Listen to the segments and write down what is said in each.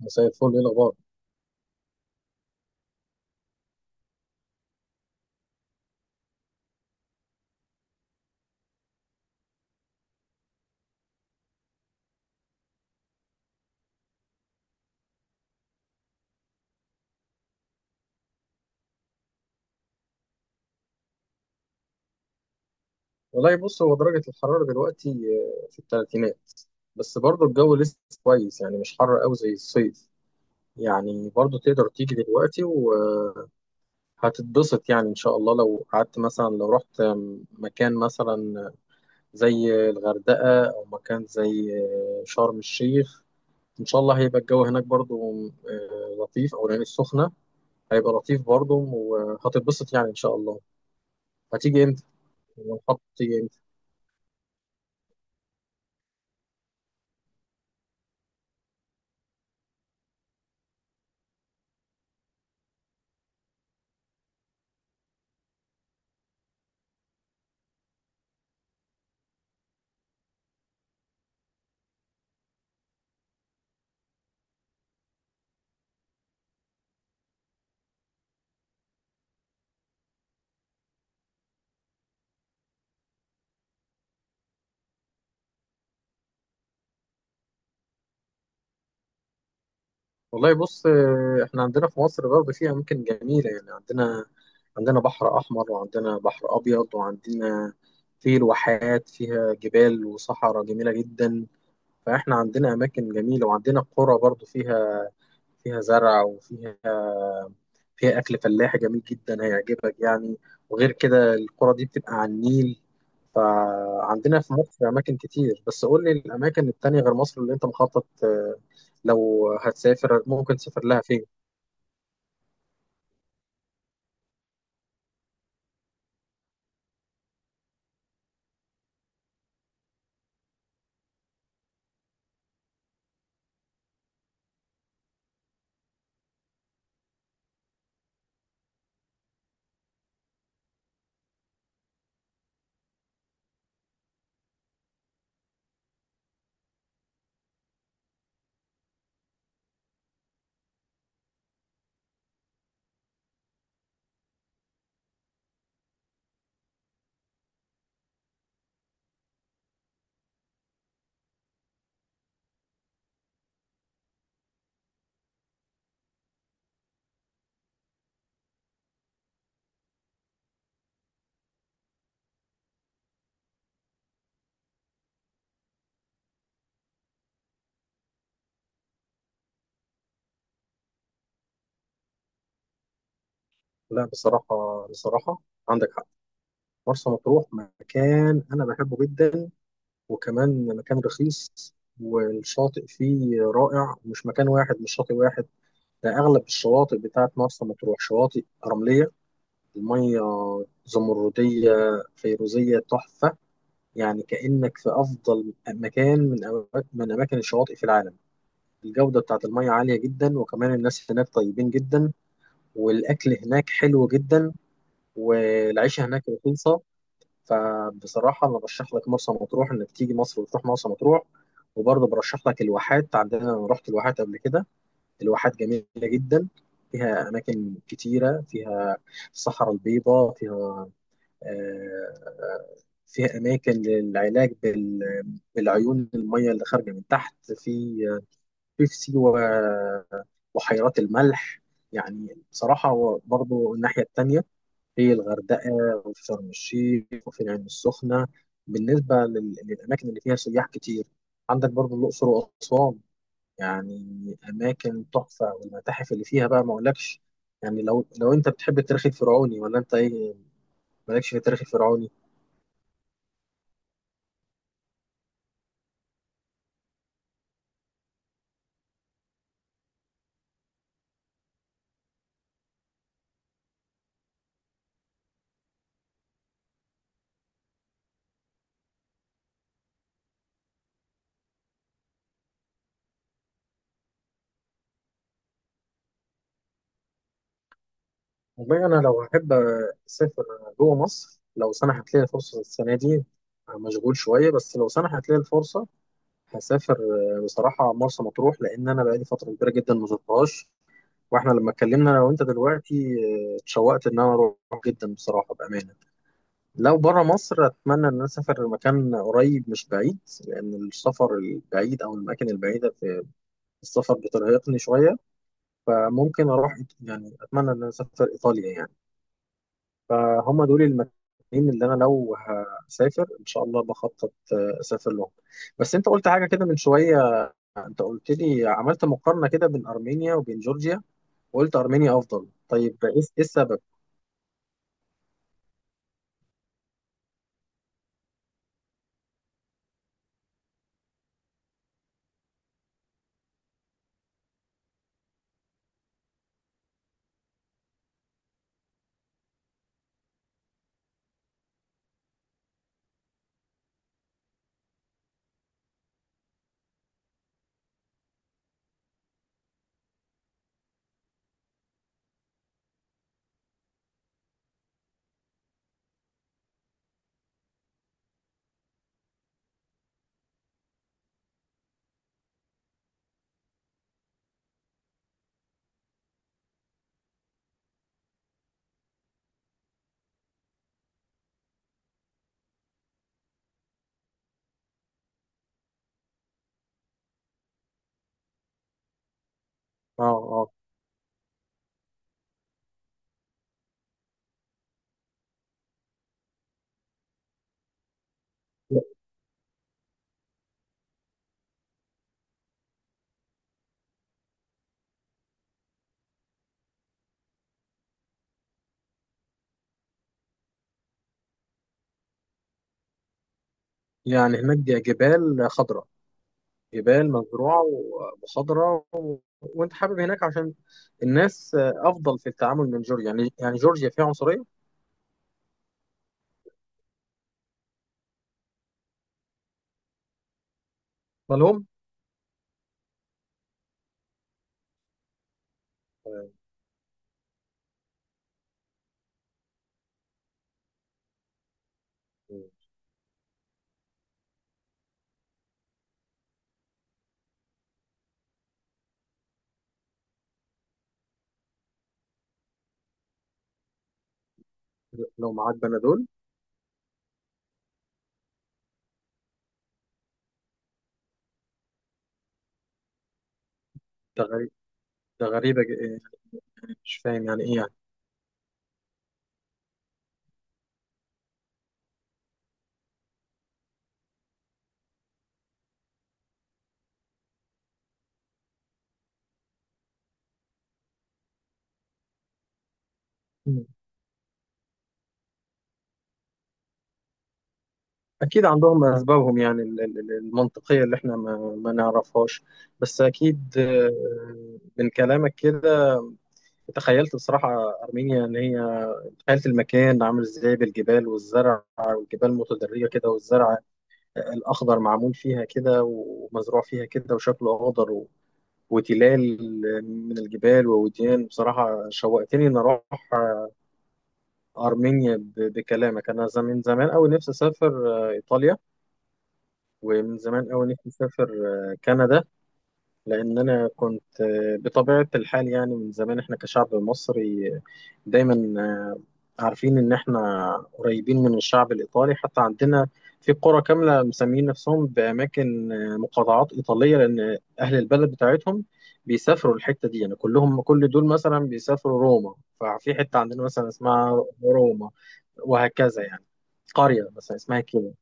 مساء الفل، ايه الاخبار؟ والله بص، هو درجه الحراره دلوقتي في الثلاثينات، بس برضه الجو لسه كويس، يعني مش حر قوي زي الصيف. يعني برضه تقدر تيجي دلوقتي وهتتبسط، يعني ان شاء الله لو قعدت مثلا، لو رحت مكان مثلا زي الغردقه، او مكان زي شرم الشيخ، ان شاء الله هيبقى الجو هناك برضه لطيف، او العين السخنه هيبقى لطيف برضه وهتتبسط يعني ان شاء الله. هتيجي امتى؟ ونحط امتى؟ والله بص، احنا عندنا في مصر برضه في اماكن جميله، يعني عندنا بحر احمر، وعندنا بحر ابيض، وعندنا الواحات فيها جبال وصحراء جميله جدا. فاحنا عندنا اماكن جميله، وعندنا قرى برضه فيها فيها زرع، وفيها أكل فلاحي جميل جدا هيعجبك يعني. وغير كده القرى دي بتبقى على النيل. فعندنا في مصر أماكن كتير، بس قول لي الأماكن التانية غير مصر اللي أنت مخطط، لو هتسافر ممكن تسافر لها فين؟ لا بصراحة، عندك حق. مرسى مطروح مكان أنا بحبه جدا، وكمان مكان رخيص، والشاطئ فيه رائع. مش مكان واحد، مش شاطئ واحد، ده أغلب الشواطئ بتاعت مرسى مطروح شواطئ رملية. المية زمردية فيروزية تحفة، يعني كأنك في أفضل مكان من أماكن الشواطئ في العالم. الجودة بتاعت المية عالية جدا، وكمان الناس هناك طيبين جدا، والأكل هناك حلو جدا، والعيشة هناك رخيصة. فبصراحة أنا برشح لك مرسى مطروح، إنك تيجي مصر وتروح مرسى مطروح. وبرضه برشح لك الواحات. عندنا أنا رحت الواحات قبل كده، الواحات جميلة جدا، فيها أماكن كتيرة، الصحراء البيضاء، فيها اماكن للعلاج بالعيون، الميه اللي خارجه من تحت في سيوه، بحيرات الملح. يعني بصراحه برضو الناحيه التانيه، في الغردقه، وفي شرم الشيخ، وفي العين السخنه. بالنسبه للاماكن اللي فيها سياح كتير، عندك برضو الاقصر واسوان، يعني اماكن تحفه. والمتاحف اللي فيها بقى ما اقولكش يعني. لو انت بتحب التاريخ الفرعوني ولا انت ايه؟ مالكش في التاريخ الفرعوني؟ والله أنا لو أحب أسافر جوه مصر، لو سنحت لي الفرصة السنة دي، مشغول شوية، بس لو سنحت لي الفرصة هسافر بصراحة مرسى مطروح، لأن أنا بقالي فترة كبيرة جدا ما زرتهاش. وإحنا لما اتكلمنا أنا وأنت دلوقتي، اتشوقت إن أنا أروح جدا، بصراحة بأمانة. لو بره مصر، أتمنى إن أنا أسافر مكان قريب مش بعيد، لأن السفر البعيد أو الأماكن البعيدة في السفر بترهقني شوية. فممكن أروح يعني أتمنى إن أنا أسافر إيطاليا يعني. فهم دول المكانين اللي انا لو هسافر ان شاء الله بخطط، اسافر لهم. بس انت قلت حاجه كده من شويه، انت قلت لي عملت مقارنه كده بين ارمينيا وبين جورجيا، وقلت ارمينيا افضل، طيب ايه السبب؟ اه، اه، يعني هناك جبال خضراء، جبال مزروعه وخضراء و... وانت حابب هناك عشان الناس افضل في التعامل من جورجيا، يعني جورجيا فيها عنصريه؟ مالهم؟ آه، لو معاك بنادول؟ ده غريب، ده غريبه، مش فاهم يعني ايه يعني. مم. أكيد عندهم أسبابهم، يعني المنطقية اللي إحنا ما نعرفهاش. بس أكيد من كلامك كده تخيلت بصراحة أرمينيا إن هي، تخيلت المكان عامل إزاي، بالجبال والزرع والجبال متدرجة كده، والزرع الأخضر معمول فيها كده ومزروع فيها كده وشكله أخضر و... وتلال من الجبال ووديان. بصراحة شوقتني إن أروح أرمينيا بكلامك. أنا زمان أوي نفسي أسافر إيطاليا، ومن زمان أوي نفسي أسافر كندا. لأن أنا كنت بطبيعة الحال، يعني من زمان إحنا كشعب مصري دايما عارفين إن إحنا قريبين من الشعب الإيطالي. حتى عندنا في قرى كاملة مسميين نفسهم بأماكن، مقاطعات إيطالية، لأن أهل البلد بتاعتهم بيسافروا الحتة دي يعني، كلهم كل دول مثلا بيسافروا روما، ففي حتة عندنا مثلا اسمها روما، وهكذا يعني، قرية مثلا اسمها كده.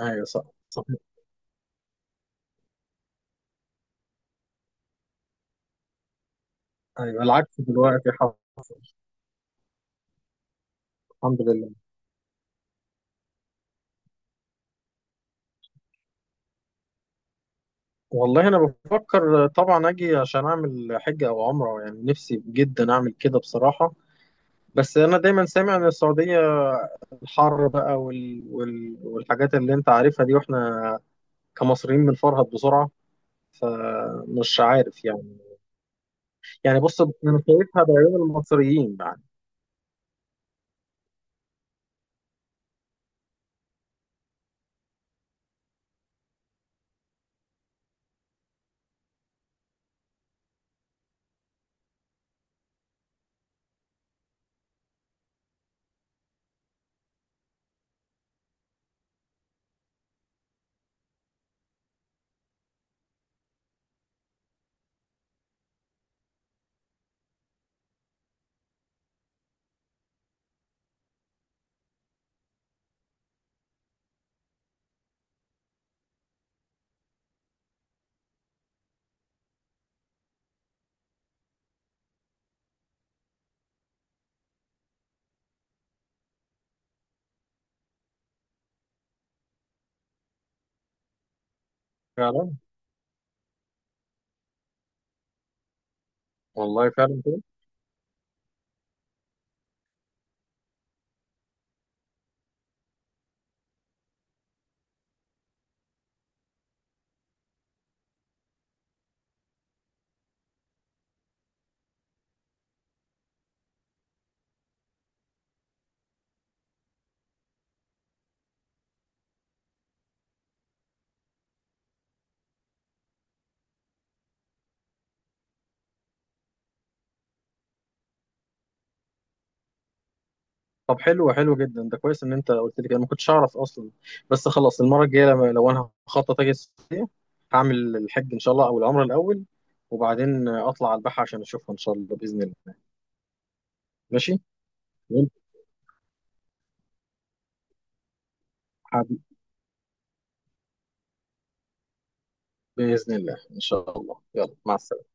أيوة. صح. ايوه العكس دلوقتي الحمد لله. والله انا بفكر طبعا اجي عشان اعمل حجه او عمره، يعني نفسي جدا اعمل كده بصراحه. بس انا دايما سامع ان السعوديه الحر بقى، وال... وال... والحاجات اللي انت عارفها دي، واحنا كمصريين بنفرهد بسرعه، فمش عارف يعني. يعني بص انا شايفها بعيون المصريين يعني. فعلا، والله فعلا. طب حلو، حلو جدا، ده كويس ان انت قلت لي كده، ما كنتش اعرف اصلا. بس خلاص المره الجايه لما لو انا هخطط اجي السعوديه، هعمل الحج ان شاء الله او العمره الاول، وبعدين اطلع على البحر عشان اشوفها ان شاء الله باذن الله. ماشي، وأنت حبيبي، باذن الله ان شاء الله، يلا مع السلامه.